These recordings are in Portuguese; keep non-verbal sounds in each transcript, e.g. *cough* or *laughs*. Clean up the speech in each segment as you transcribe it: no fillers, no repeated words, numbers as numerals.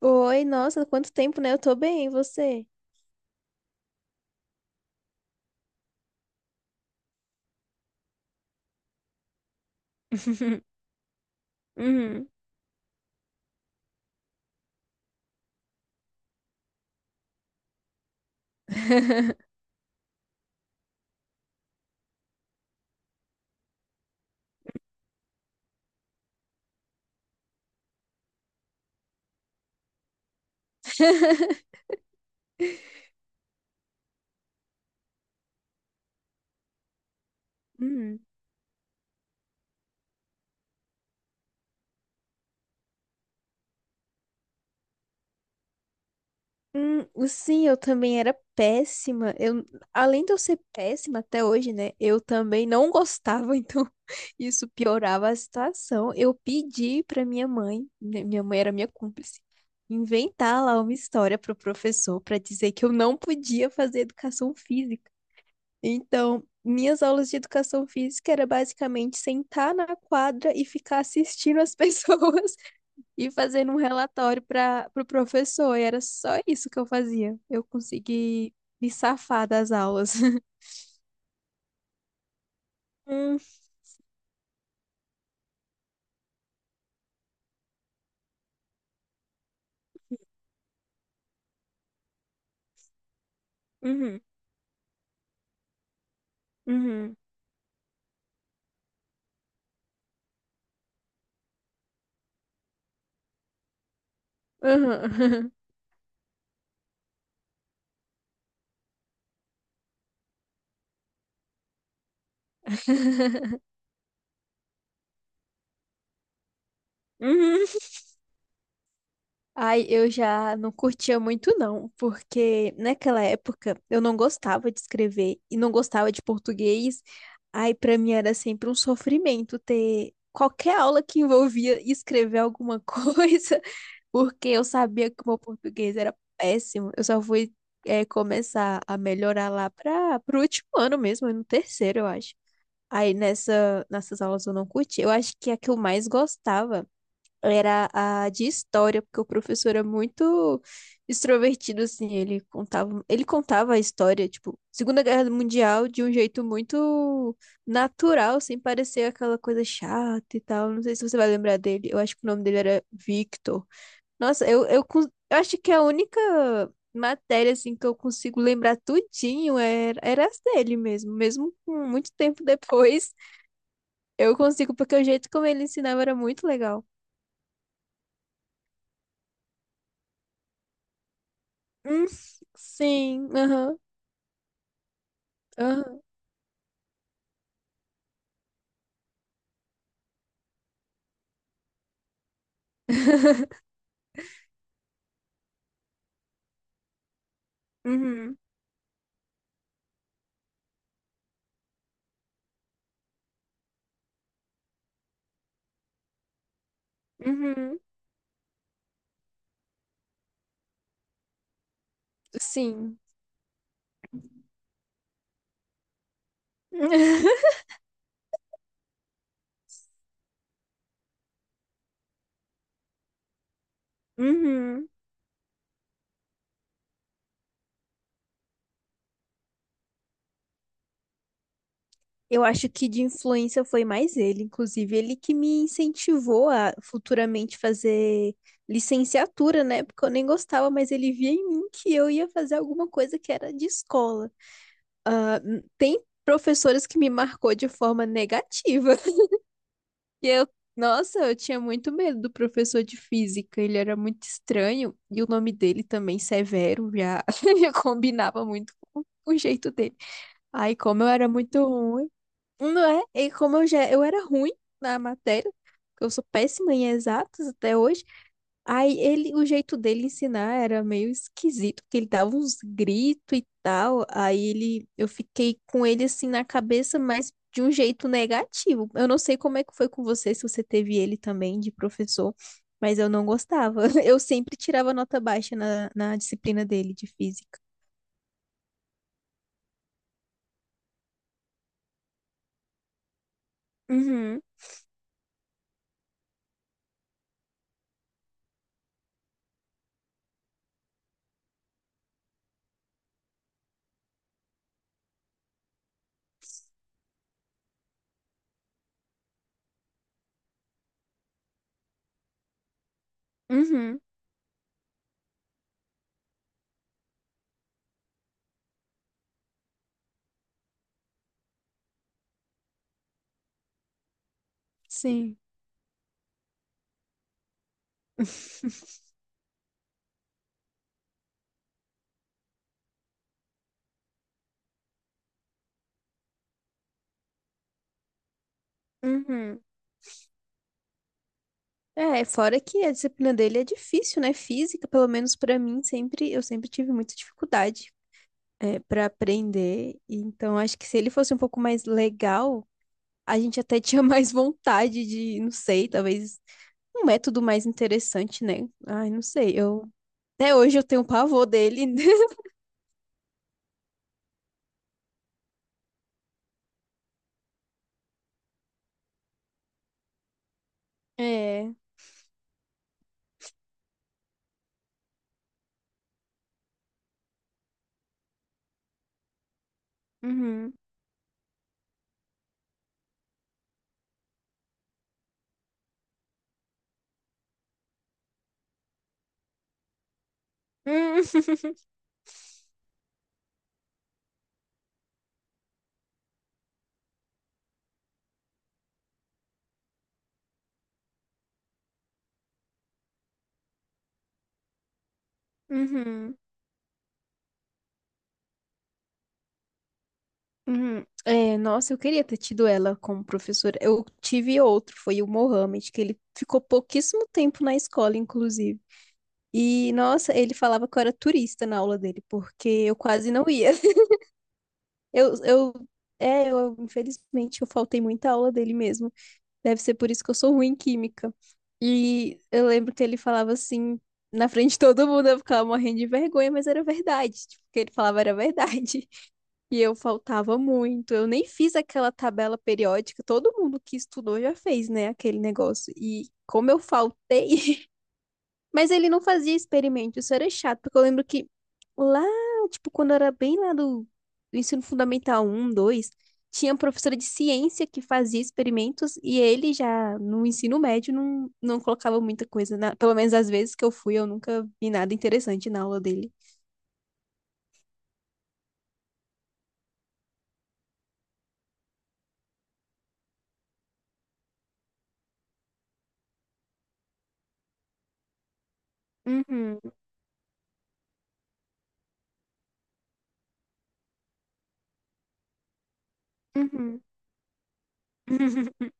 Oi, nossa, quanto tempo, né? Eu tô bem, e você? *laughs* Uhum. *laughs* Uhum. Sim, eu também era péssima. Além de eu ser péssima até hoje, né? Eu também não gostava, *laughs* então isso piorava a situação. Eu pedi pra minha mãe, né, minha mãe era minha cúmplice, inventar lá uma história pro professor pra dizer que eu não podia fazer educação física. Então, minhas aulas de educação física era basicamente sentar na quadra e ficar assistindo as *laughs* pessoas e fazendo um relatório para o pro professor. E era só isso que eu fazia. Eu consegui me safar das aulas. *laughs* Hum, uhum, uhum, uhum, *laughs* uhum. Ai, eu já não curtia muito não, porque naquela época eu não gostava de escrever e não gostava de português. Ai, pra mim era sempre um sofrimento ter qualquer aula que envolvia escrever alguma *laughs* coisa, porque eu sabia que o meu português era péssimo. Eu só fui começar a melhorar lá para pro último ano mesmo, no terceiro, eu acho. Nessas aulas eu não curti. Eu acho que a que eu mais gostava era a de história, porque o professor é muito extrovertido, assim, ele contava a história, tipo, Segunda Guerra Mundial de um jeito muito natural, sem parecer aquela coisa chata e tal. Não sei se você vai lembrar dele. Eu acho que o nome dele era Victor. Nossa, eu acho que a única matéria, assim, que eu consigo lembrar tudinho era as dele mesmo. Mesmo com muito tempo depois, eu consigo, porque o jeito como ele ensinava era muito legal. Hum, sim, aham, aham. *laughs* Uhum, uhum, sim. *laughs* Uhum. Eu acho que de influência foi mais ele, inclusive ele que me incentivou a futuramente fazer licenciatura, né? Porque eu nem gostava, mas ele via em mim que eu ia fazer alguma coisa que era de escola. Tem professores que me marcou de forma negativa. E eu, nossa, eu tinha muito medo do professor de física, ele era muito estranho, e o nome dele também, Severo, já, *laughs* já combinava muito com o jeito dele. Ai, como eu era muito ruim, não é? E como eu era ruim na matéria, porque eu sou péssima em exatas até hoje. O jeito dele ensinar era meio esquisito, porque ele dava uns gritos e tal. Eu fiquei com ele assim na cabeça, mas de um jeito negativo. Eu não sei como é que foi com você, se você teve ele também de professor, mas eu não gostava. *laughs* Eu sempre tirava nota baixa na disciplina dele de física. Uhum, uhum, sim. Uhum. É, fora que a disciplina dele é difícil, né? Física, pelo menos pra mim, sempre tive muita dificuldade. É, para aprender. Então, acho que se ele fosse um pouco mais legal, a gente até tinha *laughs* mais vontade de, não sei, talvez um método mais interessante, né? Ai, não sei. Eu até hoje eu tenho pavor dele. *laughs* É. Uhum. Uhum. Uhum. Uhum. É, nossa, eu queria ter tido ela como professora. Eu tive outro, foi o Mohamed, que ele ficou pouquíssimo tempo na escola, inclusive. E, nossa, ele falava que eu era turista na aula dele, porque eu quase não ia. Eu, eu, infelizmente, eu faltei muita aula dele mesmo. Deve ser por isso que eu sou ruim em química. E eu lembro que ele falava assim, na frente de todo mundo, eu ficava morrendo de vergonha, mas era verdade. Tipo, o que ele falava era verdade. *laughs* E eu faltava muito. Eu nem fiz aquela tabela periódica. Todo mundo que estudou já fez, né, aquele negócio. E como eu faltei, mas ele não fazia experimento, isso era chato, porque eu lembro que lá, tipo, quando eu era bem lá do ensino fundamental um 2 tinha professora de ciência que fazia experimentos e ele já no ensino médio não colocava muita coisa, na, pelo menos às vezes que eu fui, eu nunca vi nada interessante na aula dele. Uhum, uhum. *laughs*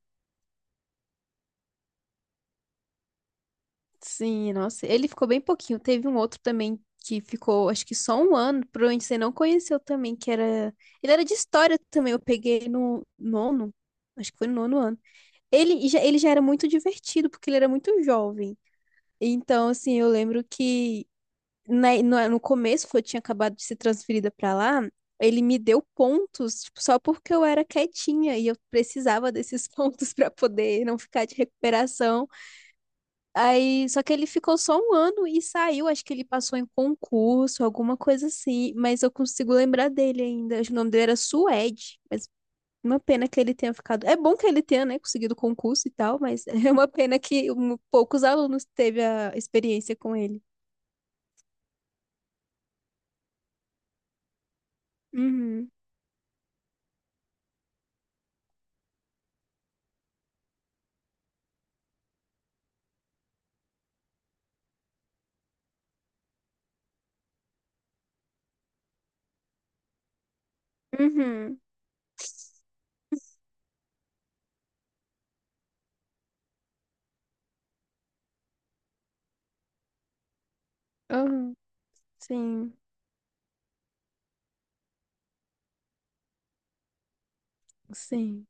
Sim, nossa, ele ficou bem pouquinho. Teve um outro também que ficou, acho que só um ano, provavelmente você não conheceu também, que era. Ele era de história também, eu peguei no nono, acho que foi no nono ano. Ele já era muito divertido, porque ele era muito jovem. Então, assim, eu lembro que no começo, quando eu tinha acabado de ser transferida pra lá, ele me deu pontos, tipo, só porque eu era quietinha e eu precisava desses *laughs* pontos pra poder não ficar de recuperação. Aí, só que ele ficou só um ano e saiu. Acho que ele passou em concurso, alguma coisa assim. Mas eu consigo lembrar dele ainda. Acho que o nome dele era Suede. Mas uma pena que ele tenha ficado. É bom que ele tenha, né, conseguido concurso e tal. Mas *laughs* é uma pena que poucos alunos teve a experiência com ele. Uhum. Uhum. Uhum. Sim. Sim.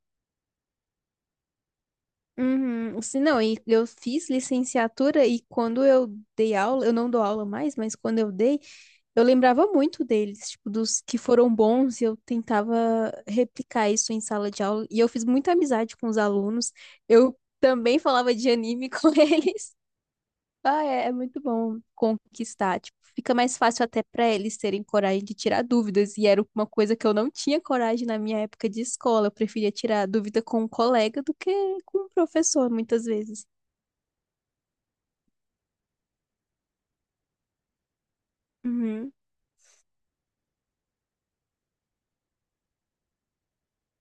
Uhum. Sim, não, e eu fiz licenciatura e quando eu dei aula, eu não dou aula mais, mas quando eu dei. Eu lembrava muito deles, tipo, dos que foram bons, e eu tentava replicar isso em sala de aula. E eu fiz muita amizade com os alunos. Eu também falava de anime *laughs* com eles. Ah, é, é muito bom conquistar. Tipo, fica mais fácil até para eles terem coragem de tirar dúvidas. E era uma coisa que eu não tinha coragem na minha época de escola. Eu preferia tirar dúvida com um colega do que com um professor, muitas vezes. Uhum,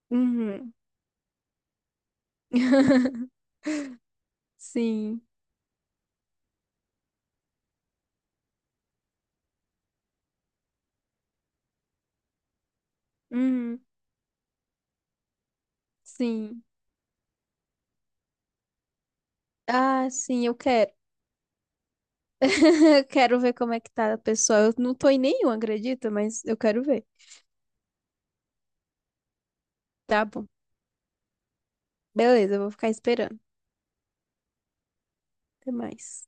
uhum. *laughs* Sim, uhum, sim. Ah, sim, eu quero. *laughs* Eu quero ver como é que tá, pessoal. Eu não tô em nenhum, acredita? Mas eu quero ver. Tá bom. Beleza, eu vou ficar esperando. Até mais.